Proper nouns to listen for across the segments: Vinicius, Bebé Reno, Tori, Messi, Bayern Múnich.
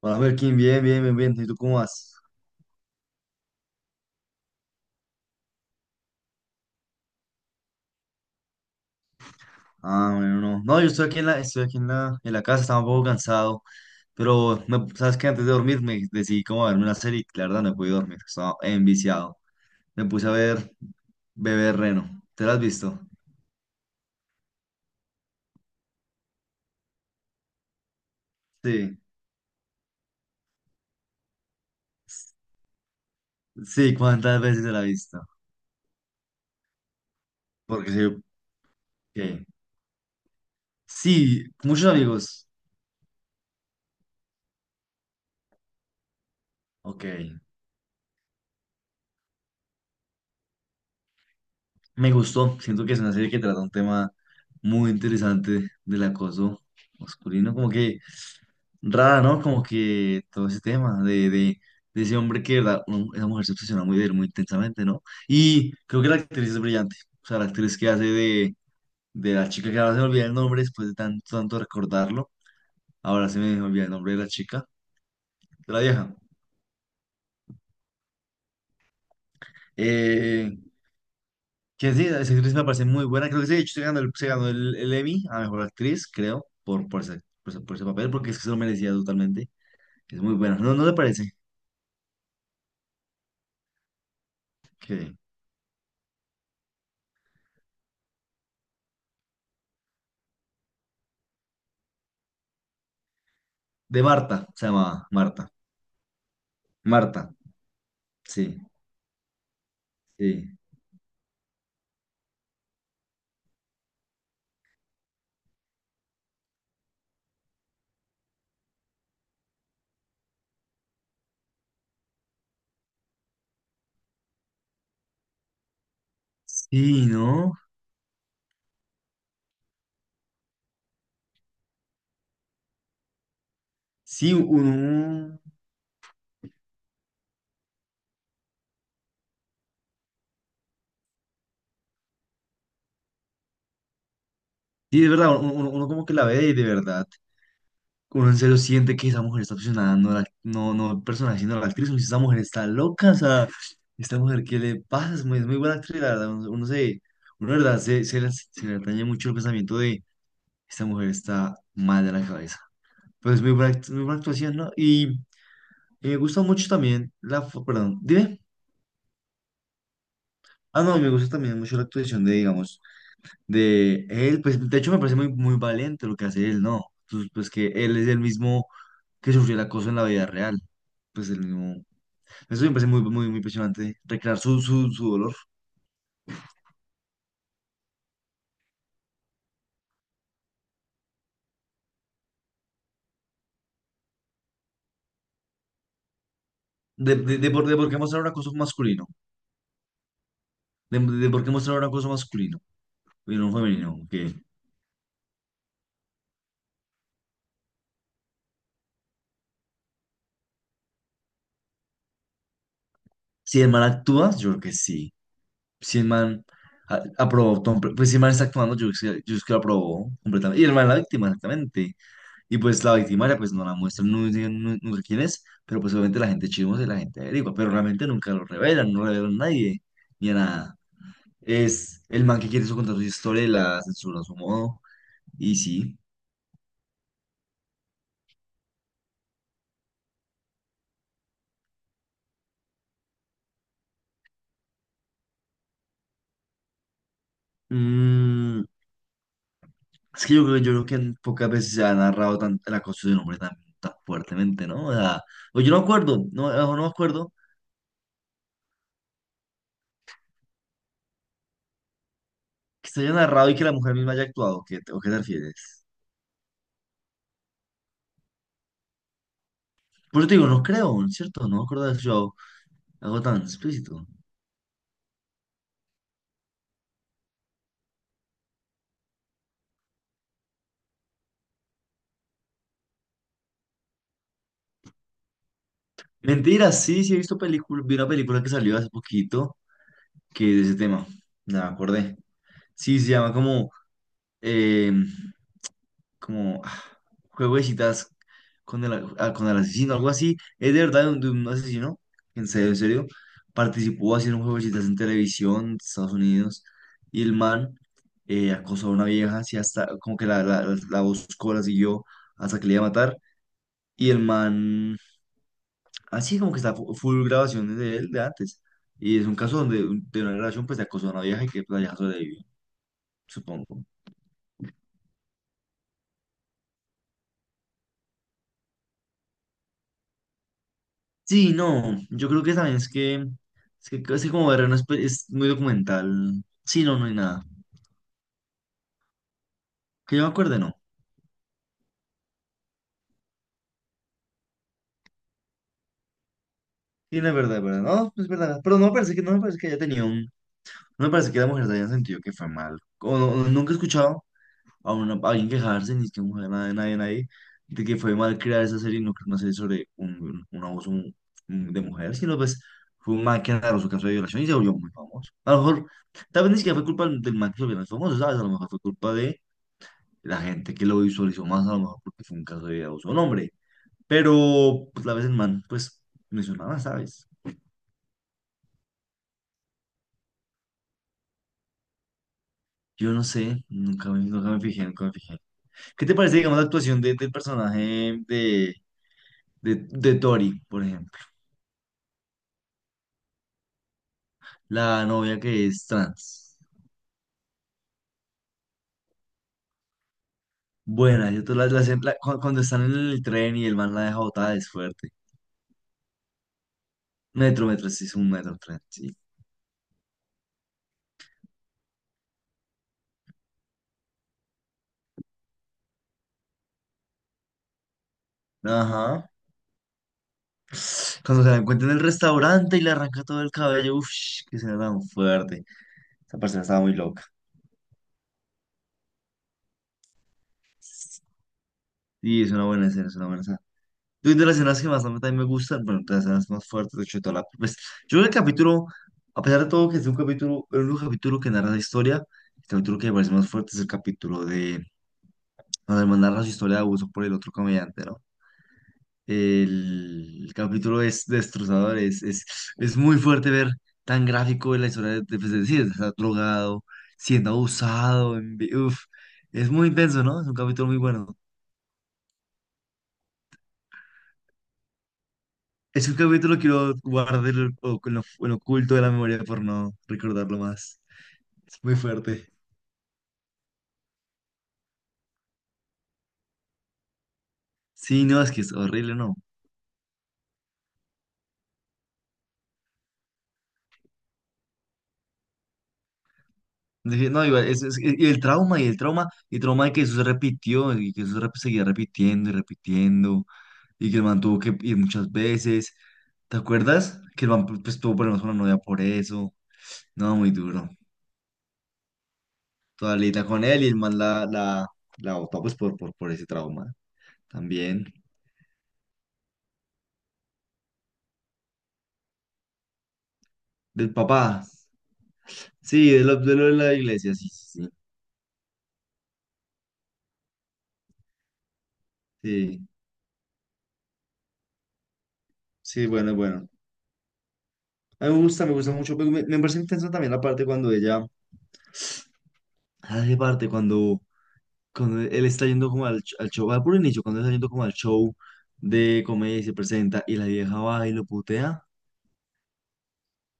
Hola, Joaquín, bien, bien, bien, bien. ¿Y tú cómo vas? Ah, bueno, no. No, yo estoy aquí estoy aquí en la casa, estaba un poco cansado, pero sabes que antes de dormir me decidí como a verme una serie y la verdad no pude dormir, estaba enviciado. Me puse a ver Bebé Reno. ¿Te la has visto? Sí, sí, ¿cuántas veces te la has visto? Porque sí, ok. Sí, muchos amigos. Ok. Me gustó, siento que es una serie que trata un tema muy interesante del acoso masculino, como que rara, ¿no? Como que todo ese tema de ese hombre que, de verdad, esa mujer se obsesiona muy de él, muy intensamente, ¿no? Y creo que la actriz es brillante, o sea, la actriz que hace de la chica que ahora se me olvida el nombre después de tanto, tanto recordarlo, ahora se me olvida el nombre de la chica, de la vieja. Eh, Que sí, esa actriz me parece muy buena. Creo que sí, de hecho, se ganó el Emmy a mejor actriz, creo, por ese papel, porque es que se lo merecía totalmente. Es muy buena. ¿No, no le parece? Que... De Marta, se llamaba Marta. Marta, sí, sí. Sí, ¿no? Sí, uno. Sí, es verdad, uno como que la ve y de verdad. Uno en serio siente que esa mujer está obsesionada, no, la, no, no el personaje, sino la actriz. Uno dice, esa mujer está loca, o sea, esta mujer, ¿qué le pasa? Es muy buena actriz, la verdad. Uno, la verdad, se le atañe mucho el pensamiento de esta mujer está mal de la cabeza. Pero es muy buena, muy buena actuación, ¿no? Y me gusta mucho también perdón, dime. Ah, no, y me gusta también mucho la actuación de, digamos, de él. Pues de hecho me parece muy, muy valiente lo que hace él, ¿no? Pues, pues que él es el mismo que sufrió el acoso en la vida real, pues el mismo. Eso me parece muy, muy, muy impresionante, recrear su dolor. De por qué mostrar un acoso masculino. De por qué mostrar un acoso masculino y no femenino. Que si el man actúa, yo creo que sí. Si el man aprobó, pues si el man está actuando, yo creo que lo aprobó completamente. Y el man es la víctima, exactamente. Y pues la victimaria, pues no la muestran, no dicen nunca quién es, pero pues obviamente la gente chismosa y la gente averigua, pero realmente nunca lo revelan, no revelan a nadie, ni a nada. Es el man que quiere su contar su historia y la censura a su modo. Y sí. Mm, es que yo creo que pocas veces se ha narrado tan, el acoso de un hombre tan, tan fuertemente, ¿no? O sea, o yo no acuerdo, no, o no me acuerdo que se haya narrado y que la mujer misma haya actuado. ¿Qué, o qué te refieres? Por eso te digo, no creo, ¿cierto? No me acuerdo de haber escuchado algo tan explícito. Mentira, sí, sí he visto película, vi una película que salió hace poquito que es de ese tema. No me acordé. Sí, se llama como eh, como ah, juego de citas con el, ah, con el asesino, algo así. Es de verdad de un asesino, en serio, en serio. Participó haciendo un juego de citas en televisión de Estados Unidos y el man acosó a una vieja, así hasta como que la buscó, la siguió hasta que le iba a matar. Y el man, así como que está full grabaciones de él de antes. Y es un caso donde de una relación pues se acosó a una vieja y que pues, la vieja sobrevivió, supongo. Sí, no, yo creo que también es que casi como ver es muy documental. Sí, no, no hay nada. Que yo me acuerde, no. Sí, no es verdad, es verdad. No, es verdad. Pero no me parece que haya tenido un no me parece que la mujer se haya sentido que fue mal. O no, nunca he escuchado a, una, a alguien quejarse ni que mujer nadie de que fue mal crear esa serie, no creo una serie sobre un abuso de mujer, sino pues fue un man que narró su caso de violación y se volvió muy famoso. A lo mejor tal vez ni siquiera fue culpa del man que se volvió más famoso, ¿sabes? A lo mejor fue culpa de la gente que lo visualizó más a lo mejor porque fue un caso de abuso a un hombre. Pero pues la vez el man, pues mencionaba, ¿sabes? Yo no sé, nunca me fijé, nunca me fijé. ¿Qué te parece, digamos, la actuación del personaje de, de Tori, por ejemplo? La novia que es trans. Buena, yo te la, cuando están en el tren y el man la deja botada es fuerte. Metro, metro, sí, es un metro, tren, sí. Ajá. Cuando se la encuentra en el restaurante y le arranca todo el cabello, uff, que será tan fuerte. Esa persona estaba muy loca. Y es una buena escena, es una buena escena. Yo de las escenas que más a mí también me gustan, bueno, de las escenas más fuertes, de hecho, de toda la... Pues, yo creo que el capítulo, a pesar de todo que es un capítulo, el único capítulo que narra la historia, el capítulo que me parece más fuerte es el capítulo de... Cuando hermano narra su historia de abuso por el otro comediante, ¿no? El capítulo es destrozador, es muy fuerte ver tan gráfico la historia de, pues, sí, de estar drogado, siendo abusado, uf, es muy intenso, ¿no? Es un capítulo muy bueno. Es un capítulo que lo guardé en lo oculto de la memoria por no recordarlo más. Es muy fuerte. Sí, no, es que es horrible, no. Dije, no, igual, y el trauma, y el trauma, y el trauma de que eso se repitió, y que eso seguía repitiendo y repitiendo, y que el man tuvo que ir muchas veces. ¿Te acuerdas? Que el man pues, tuvo problemas con la novia por eso. No, muy duro. Toda lita con él y el man la botó pues por ese trauma. También. Del papá. Sí, de lo, de lo de la iglesia, sí, sí, sí. Sí, sí, bueno, bueno. A mí me gusta mucho. Pero me parece intenso también la parte cuando ella hace parte, cuando, cuando él está yendo como al, al show, al puro inicio, cuando está yendo como al show de comedia y se presenta y la vieja va y lo putea.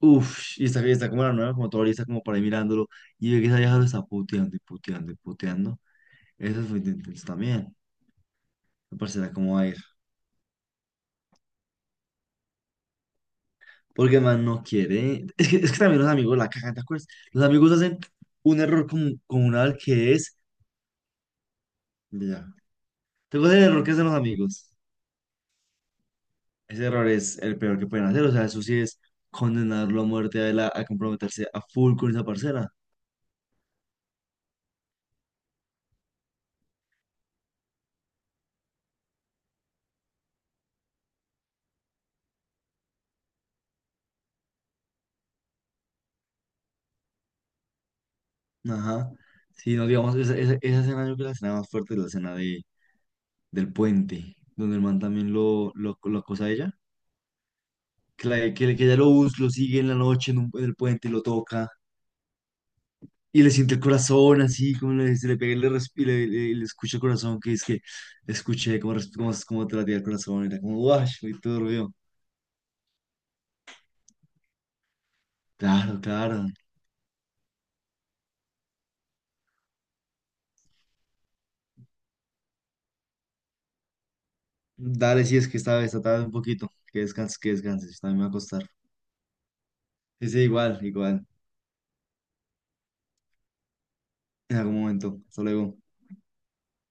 Uf, y está como la nueva, como todavía está como por ahí mirándolo. Y ve que esa vieja lo está puteando y puteando y puteando. Eso fue intenso también. Me parecerá como va. Porque el man no quiere. Es que también los amigos la cagan, ¿te acuerdas? Los amigos hacen un error comunal que es. Ya. Tengo ese error que hacen los amigos. Ese error es el peor que pueden hacer. O sea, eso sí es condenarlo a muerte a, él a comprometerse a full con esa parcera. Ajá. Sí, no, digamos, esa escena yo creo que la escena más fuerte es la escena de, del puente, donde el man también lo acosa a ella. Que, que ella lo, lo sigue en la noche en el puente y lo toca. Y le siente el corazón así, como le, se le pega y le, y le, le escucha el corazón, que es que escuché como como cómo te latía el corazón, y era como, guau, muy turbio. Claro, claro. Dale, si es que esta vez tarde un poquito, que descanses, yo también me voy a acostar. Sí, sí, igual, igual, en algún momento, hasta luego.